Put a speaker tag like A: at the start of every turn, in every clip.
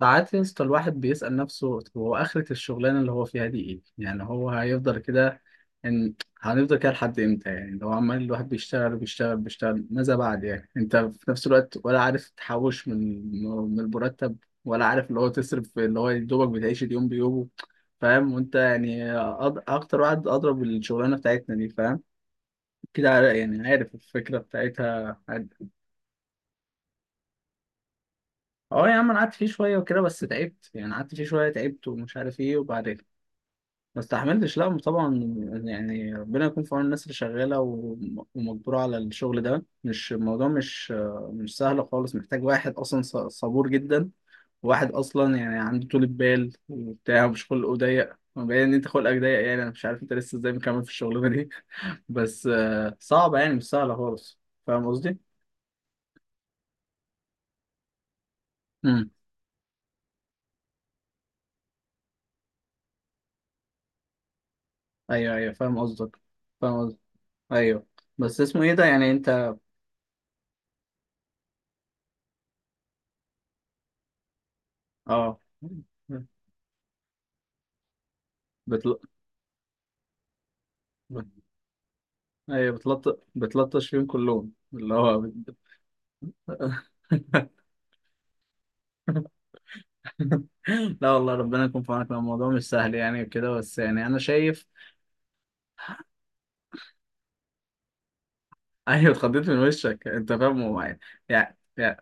A: ساعات يا اسطى الواحد بيسأل نفسه هو آخرة الشغلانة اللي هو فيها دي إيه؟ يعني هو هيفضل كده، إن هنفضل كده لحد إمتى؟ يعني لو عمال الواحد بيشتغل وبيشتغل، ماذا بعد يعني؟ أنت في نفس الوقت ولا عارف تحوش من المرتب، ولا عارف اللي هو تصرف، اللي هو يا دوبك بتعيش اليوم بيومه، فاهم؟ وأنت يعني أكتر واحد أضرب الشغلانة بتاعتنا دي، فاهم؟ كده يعني عارف الفكرة بتاعتها عاد. اه يا عم، انا قعدت فيه شويه وكده بس تعبت، يعني قعدت فيه شويه تعبت ومش عارف ايه، وبعد ما استحملتش، لا طبعا. يعني ربنا يكون في عون الناس اللي شغاله ومجبوره على الشغل ده، مش الموضوع مش مش سهل خالص، محتاج واحد اصلا صبور جدا، واحد اصلا يعني عنده طولة بال وبتاع، مش خلقه ضيق. باين ان انت خلقك ضيق، يعني انا مش عارف انت لسه ازاي مكمل في الشغلانه دي بس آه، صعبه يعني، مش سهله خالص. فاهم قصدي؟ امم. ايوه ايوه، فاهم قصدك. فاهم قصدك، ايوه. بس اسمه ايه ده يعني انت؟ اه. بتل... ايوه، بتلطش فيهم كلهم، اللي هو لا والله، ربنا يكون في عونك، لو الموضوع مش سهل يعني وكده، بس يعني انا شايف. ايوه، اتخضيت من وشك انت، فاهم هو يعني. يعني يعني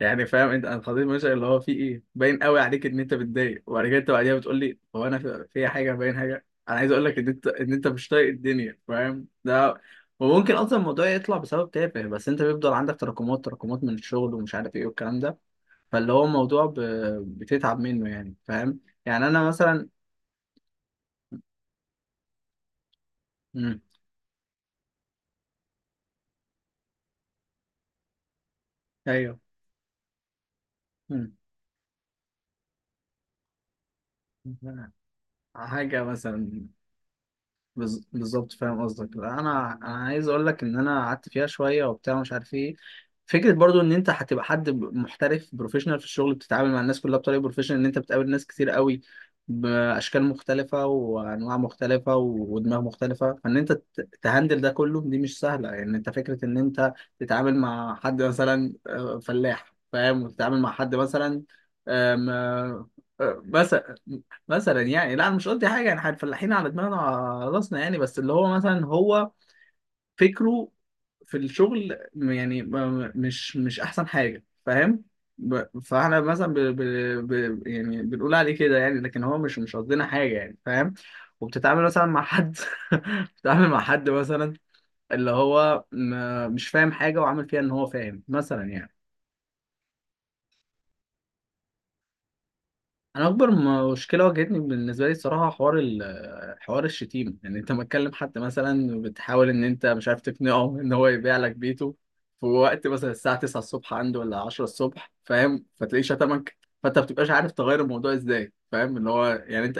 A: يعني، فاهم انت، انا اتخضيت من وشك، اللي هو في ايه، باين قوي عليك ان انت متضايق، وبعد كده انت بعديها بتقول لي هو انا في حاجه، باين حاجه. انا عايز اقول لك ان انت، ان انت مش طايق الدنيا، فاهم ده. وممكن اصلا الموضوع يطلع بسبب تافه، بس انت بيفضل عندك تراكمات من الشغل ومش عارف ايه والكلام ده. فاللي هو الموضوع بتتعب منه يعني، فاهم؟ يعني انا مثلا. مم. ايوه. مم. حاجه مثلا. بالظبط، فاهم قصدك. لا، انا انا عايز اقول لك ان انا قعدت فيها شويه وبتاع، مش عارف ايه. فكره برضو ان انت هتبقى حد محترف، بروفيشنال في الشغل، بتتعامل مع الناس كلها بطريقه بروفيشنال. ان انت بتقابل ناس كتير قوي، باشكال مختلفه وانواع مختلفه ودماغ مختلفه، فان انت تهندل ده كله، دي مش سهله يعني. انت فكره ان انت تتعامل مع حد مثلا آه، فلاح فاهم، وتتعامل مع حد مثلا، آم، آه، آه، مثلا. مثلا يعني، لا انا مش قصدي حاجه، يعني احنا الفلاحين على دماغنا وعلى راسنا يعني، بس اللي هو مثلا هو فكره في الشغل يعني مش مش احسن حاجه، فاهم. فاحنا مثلا يعني بنقول عليه كده يعني، لكن هو مش مش قصدنا حاجه يعني، فاهم. وبتتعامل مثلا مع حد بتتعامل مع حد مثلا اللي هو مش فاهم حاجه وعامل فيها ان هو فاهم مثلا يعني. انا اكبر مشكله واجهتني، بالنسبه لي الصراحه، حوار حوار الشتيمه. يعني انت متكلم حد مثلا، بتحاول ان انت، مش عارف تقنعه ان هو يبيع لك بيته في وقت مثلا الساعه 9 الصبح عنده، ولا 10 الصبح، فاهم، فتلاقيه شتمك، فانت ما بتبقاش عارف تغير الموضوع ازاي، فاهم، اللي هو يعني.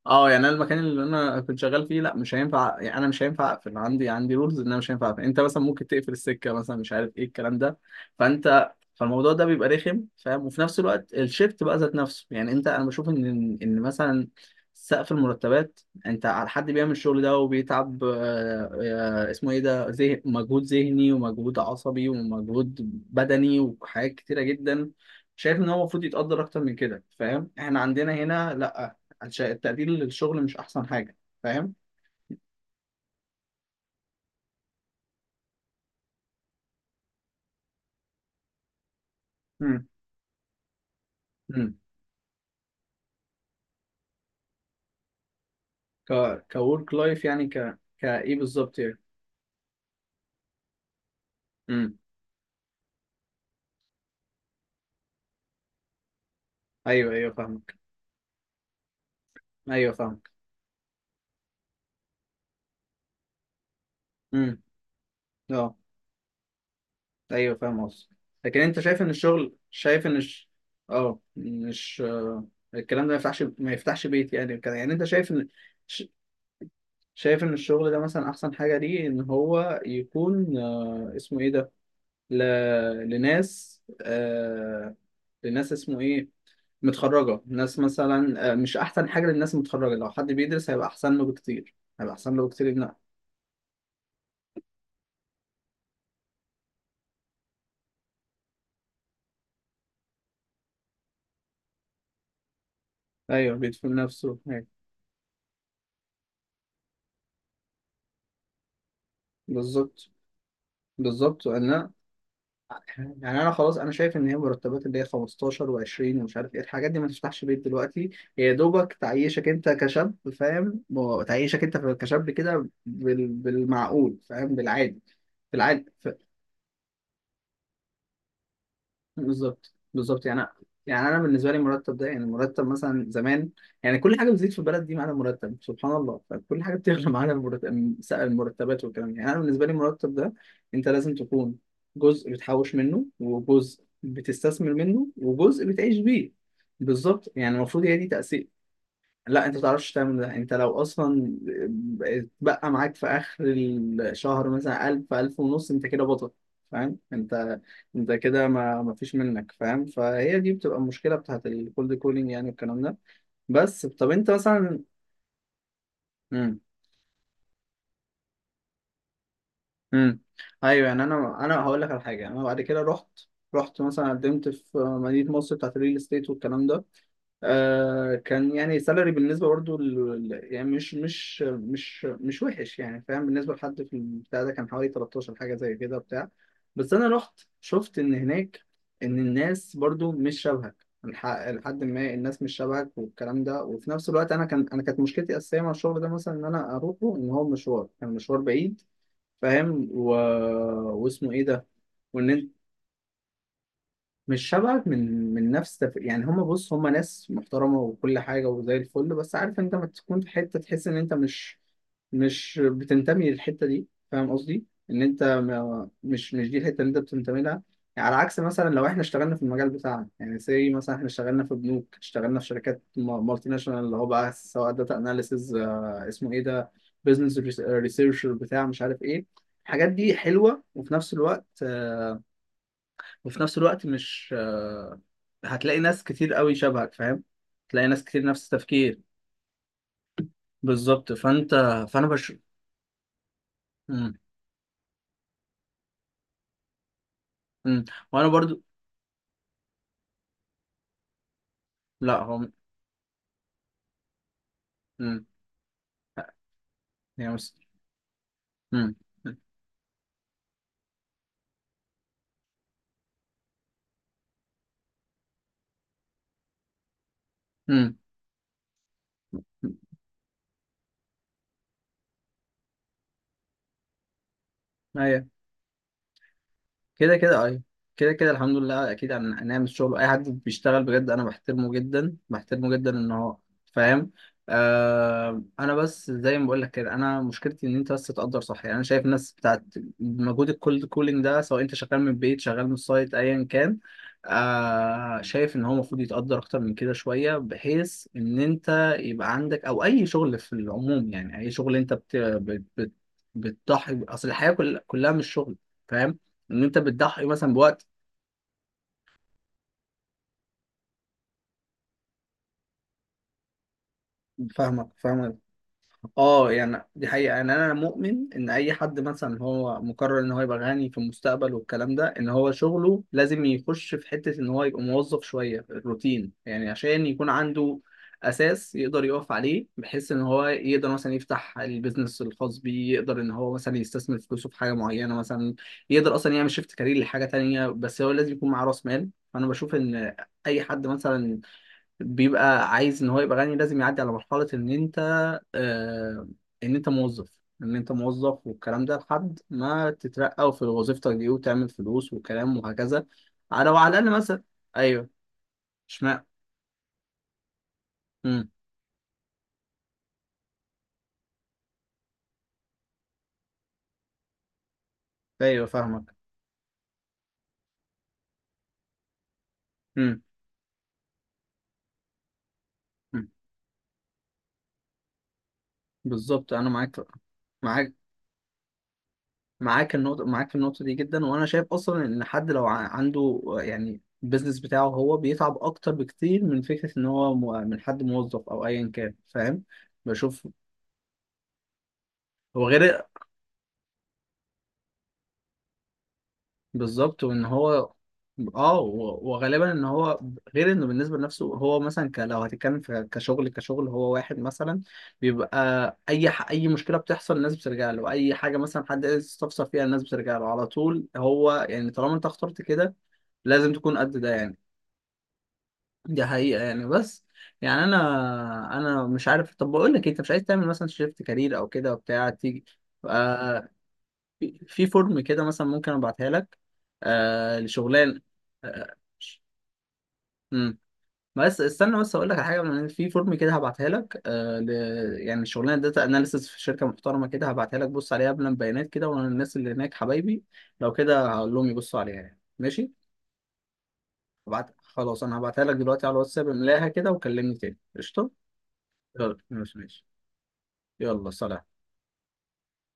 A: اه، يعني انا المكان اللي انا كنت شغال فيه لا، مش هينفع. يعني انا مش هينفع اقفل، عندي عندي رولز ان انا مش هينفع اقفل. انت مثلا ممكن تقفل السكه مثلا، مش عارف ايه الكلام ده. فانت فالموضوع ده بيبقى رخم، فاهم. وفي نفس الوقت الشيفت بقى ذات نفسه، يعني انت، انا بشوف ان، ان مثلا سقف المرتبات، انت على حد بيعمل الشغل ده وبيتعب آه، اسمه ايه ده، ذه مجهود ذهني ومجهود عصبي ومجهود بدني وحاجات كتيره جدا، شايف ان هو المفروض يتقدر اكتر من كده، فاهم. احنا عندنا هنا لا، عشان التقدير للشغل مش احسن حاجه، فاهم. امم. امم. ك كورك لايف يعني، كايه بالظبط يعني؟ امم. ايوه ايوه فاهمك. ايوه فاهمك. امم. اه. ايوه فاهم قصدك. لكن انت شايف ان الشغل، شايف اه، مش آه، الكلام ده ما يفتحش، ما يفتحش بيت يعني كده، يعني انت شايف ان ش... شايف ان الشغل ده مثلا احسن حاجه ليه، ان هو يكون آه، اسمه ايه ده، ل... لناس آه... لناس اسمه ايه، متخرجة، ناس مثلا آه، مش أحسن حاجة للناس متخرجة، لو حد بيدرس هيبقى أحسن له بكتير، هيبقى أحسن له بكتير إن. أيوه، بيدفن نفسه، أيوة. بالظبط. بالظبط أنا، يعني أنا خلاص أنا شايف إن هي مرتبات اللي هي 15 و20 ومش عارف إيه الحاجات دي، ما تفتحش بيت دلوقتي، هي يا دوبك تعيشك أنت كشاب، فاهم، تعيشك أنت كشاب كده بالمعقول، فاهم، بالعادي. بالعادي. بالظبط بالظبط يعني. يعني انا بالنسبه لي المرتب ده، يعني المرتب مثلا زمان، يعني كل حاجه بتزيد في البلد دي، معانا مرتب سبحان الله، فكل حاجه بتغلى معانا المرتب، المرتبات والكلام ده. يعني انا بالنسبه لي المرتب ده، انت لازم تكون جزء بتحوش منه، وجزء بتستثمر منه، وجزء بتعيش بيه. بالظبط، يعني المفروض هي دي. لا، انت ما تعرفش تعمل ده، انت لو اصلا بقى معاك في اخر الشهر مثلا 1000 ونص، انت كده بطل فاهم انت، انت كده ما فيش منك، فاهم. فهي دي بتبقى المشكله بتاعت الكولد كولينج يعني، والكلام ده. بس طب انت مثلا. امم. امم. ايوه. يعني انا هقول لك على حاجه، انا بعد كده رحت، رحت مثلا قدمت في مدينه مصر بتاعت الريل استيت والكلام ده. آه كان يعني سالري بالنسبه برضو يعني مش وحش يعني فاهم، بالنسبه لحد في البتاع ده، كان حوالي 13 حاجه زي كده بتاع. بس انا رحت شفت ان هناك، ان الناس برضو مش شبهك لحد ما، الناس مش شبهك والكلام ده. وفي نفس الوقت انا كان، انا كانت مشكلتي الاساسيه مع الشغل ده مثلا، ان انا اروحه، ان هو مشوار، كان مشوار بعيد، فاهم. واسمه ايه ده، وان، مش شبهك من نفس يعني هما بص، هما ناس محترمة وكل حاجة وزي الفل، بس عارف انت ما تكون في حتة تحس ان انت مش، مش بتنتمي للحتة دي، فاهم قصدي؟ ان انت ما... مش مش دي الحتة اللي انت بتنتمي لها. يعني على عكس مثلا لو احنا اشتغلنا في المجال بتاعنا، يعني زي مثلا احنا اشتغلنا في بنوك، اشتغلنا في شركات مالتي ناشونال، اللي هو بقى سواء داتا اناليسز، اسمه ايه ده، بزنس ريسيرشر بتاع مش عارف ايه، الحاجات دي حلوة، وفي نفس الوقت آه، وفي نفس الوقت مش آه، هتلاقي ناس كتير قوي شبهك، فاهم، هتلاقي ناس كتير نفس التفكير. بالظبط فانت، فانا بش مم. مم. وانا برضو. لا هو. مم. يعني مم. مم. مم. أيوة. كده كده ايوه. كده كده الحمد لله، اكيد هنعمل شغل. اي حد بيشتغل بجد انا بحترمه جدا، بحترمه جدا ان هو، فاهم. آه انا بس زي ما بقول لك كده، انا مشكلتي ان انت بس تقدر صح. يعني انا شايف الناس بتاعت مجهود الكولد كولينج ده، سواء انت شغال من البيت شغال من السايت ايا كان، آه شايف ان هو المفروض يتقدر اكتر من كده شويه، بحيث ان انت يبقى عندك، او اي شغل في العموم يعني. اي شغل انت بتضحي، اصل الحياه كلها مش شغل، فاهم. ان انت بتضحي مثلا بوقت. فاهمك فاهمك. اه يعني دي حقيقة، يعني انا مؤمن ان اي حد مثلا هو مقرر ان هو يبقى غني في المستقبل والكلام ده، ان هو شغله لازم يخش في حتة ان هو يبقى موظف شوية الروتين يعني، عشان يكون عنده اساس يقدر يقف عليه، بحيث ان هو يقدر مثلا يفتح البيزنس الخاص بيه، يقدر ان هو مثلا يستثمر فلوسه في حاجة معينة مثلا، يقدر اصلا يعمل شيفت كارير لحاجة تانية، بس هو لازم يكون معاه راس مال. فانا بشوف ان اي حد مثلا بيبقى عايز ان هو يبقى غني، لازم يعدي على مرحلة ان انت آه، ان انت موظف، ان انت موظف والكلام ده، لحد ما تترقى في وظيفتك دي وتعمل فلوس وكلام وهكذا، على وعلى الاقل مثلا. ايوه. اشمعنى؟ امم. ايوه فاهمك. امم. أمم. بالظبط انا معاك. معاك. معاك النقطة، معاك في النقطة دي جدا، وأنا شايف أصلا إن حد لو عنده يعني البيزنس بتاعه، هو بيتعب أكتر بكتير من فكرة إن هو من حد موظف أو أيا كان، فاهم. بشوف. هو غير. بالظبط وان هو، اه وغالبا ان هو، غير انه بالنسبه لنفسه، هو مثلا لو هتتكلم في كشغل كشغل، هو واحد مثلا بيبقى اي اي مشكله بتحصل الناس بترجع له، اي حاجه مثلا حد عايز يستفسر فيها الناس بترجع له على طول، هو يعني طالما انت اخترت كده لازم تكون قد ده يعني. دي حقيقه يعني، بس يعني انا مش عارف، طب بقول لك إيه، انت مش عايز تعمل مثلا شيفت كارير او كده وبتاع، تيجي آه في فورم كده مثلا، ممكن ابعتها لك آه لشغلان. آه. مم. بس استنى، بس اقول لك على حاجه من، في فورم كده هبعتها لك آه يعني شغلانه داتا اناليسيس في شركه محترمه كده، هبعتها لك بص عليها قبل، بيانات كده، وانا الناس اللي هناك حبايبي، لو كده هقول لهم يبصوا عليها يعني، ماشي. هبعت خلاص، انا هبعتها لك دلوقتي على الواتساب، املاها كده وكلمني تاني، قشطه. يلا ماشي ماشي، يلا سلام.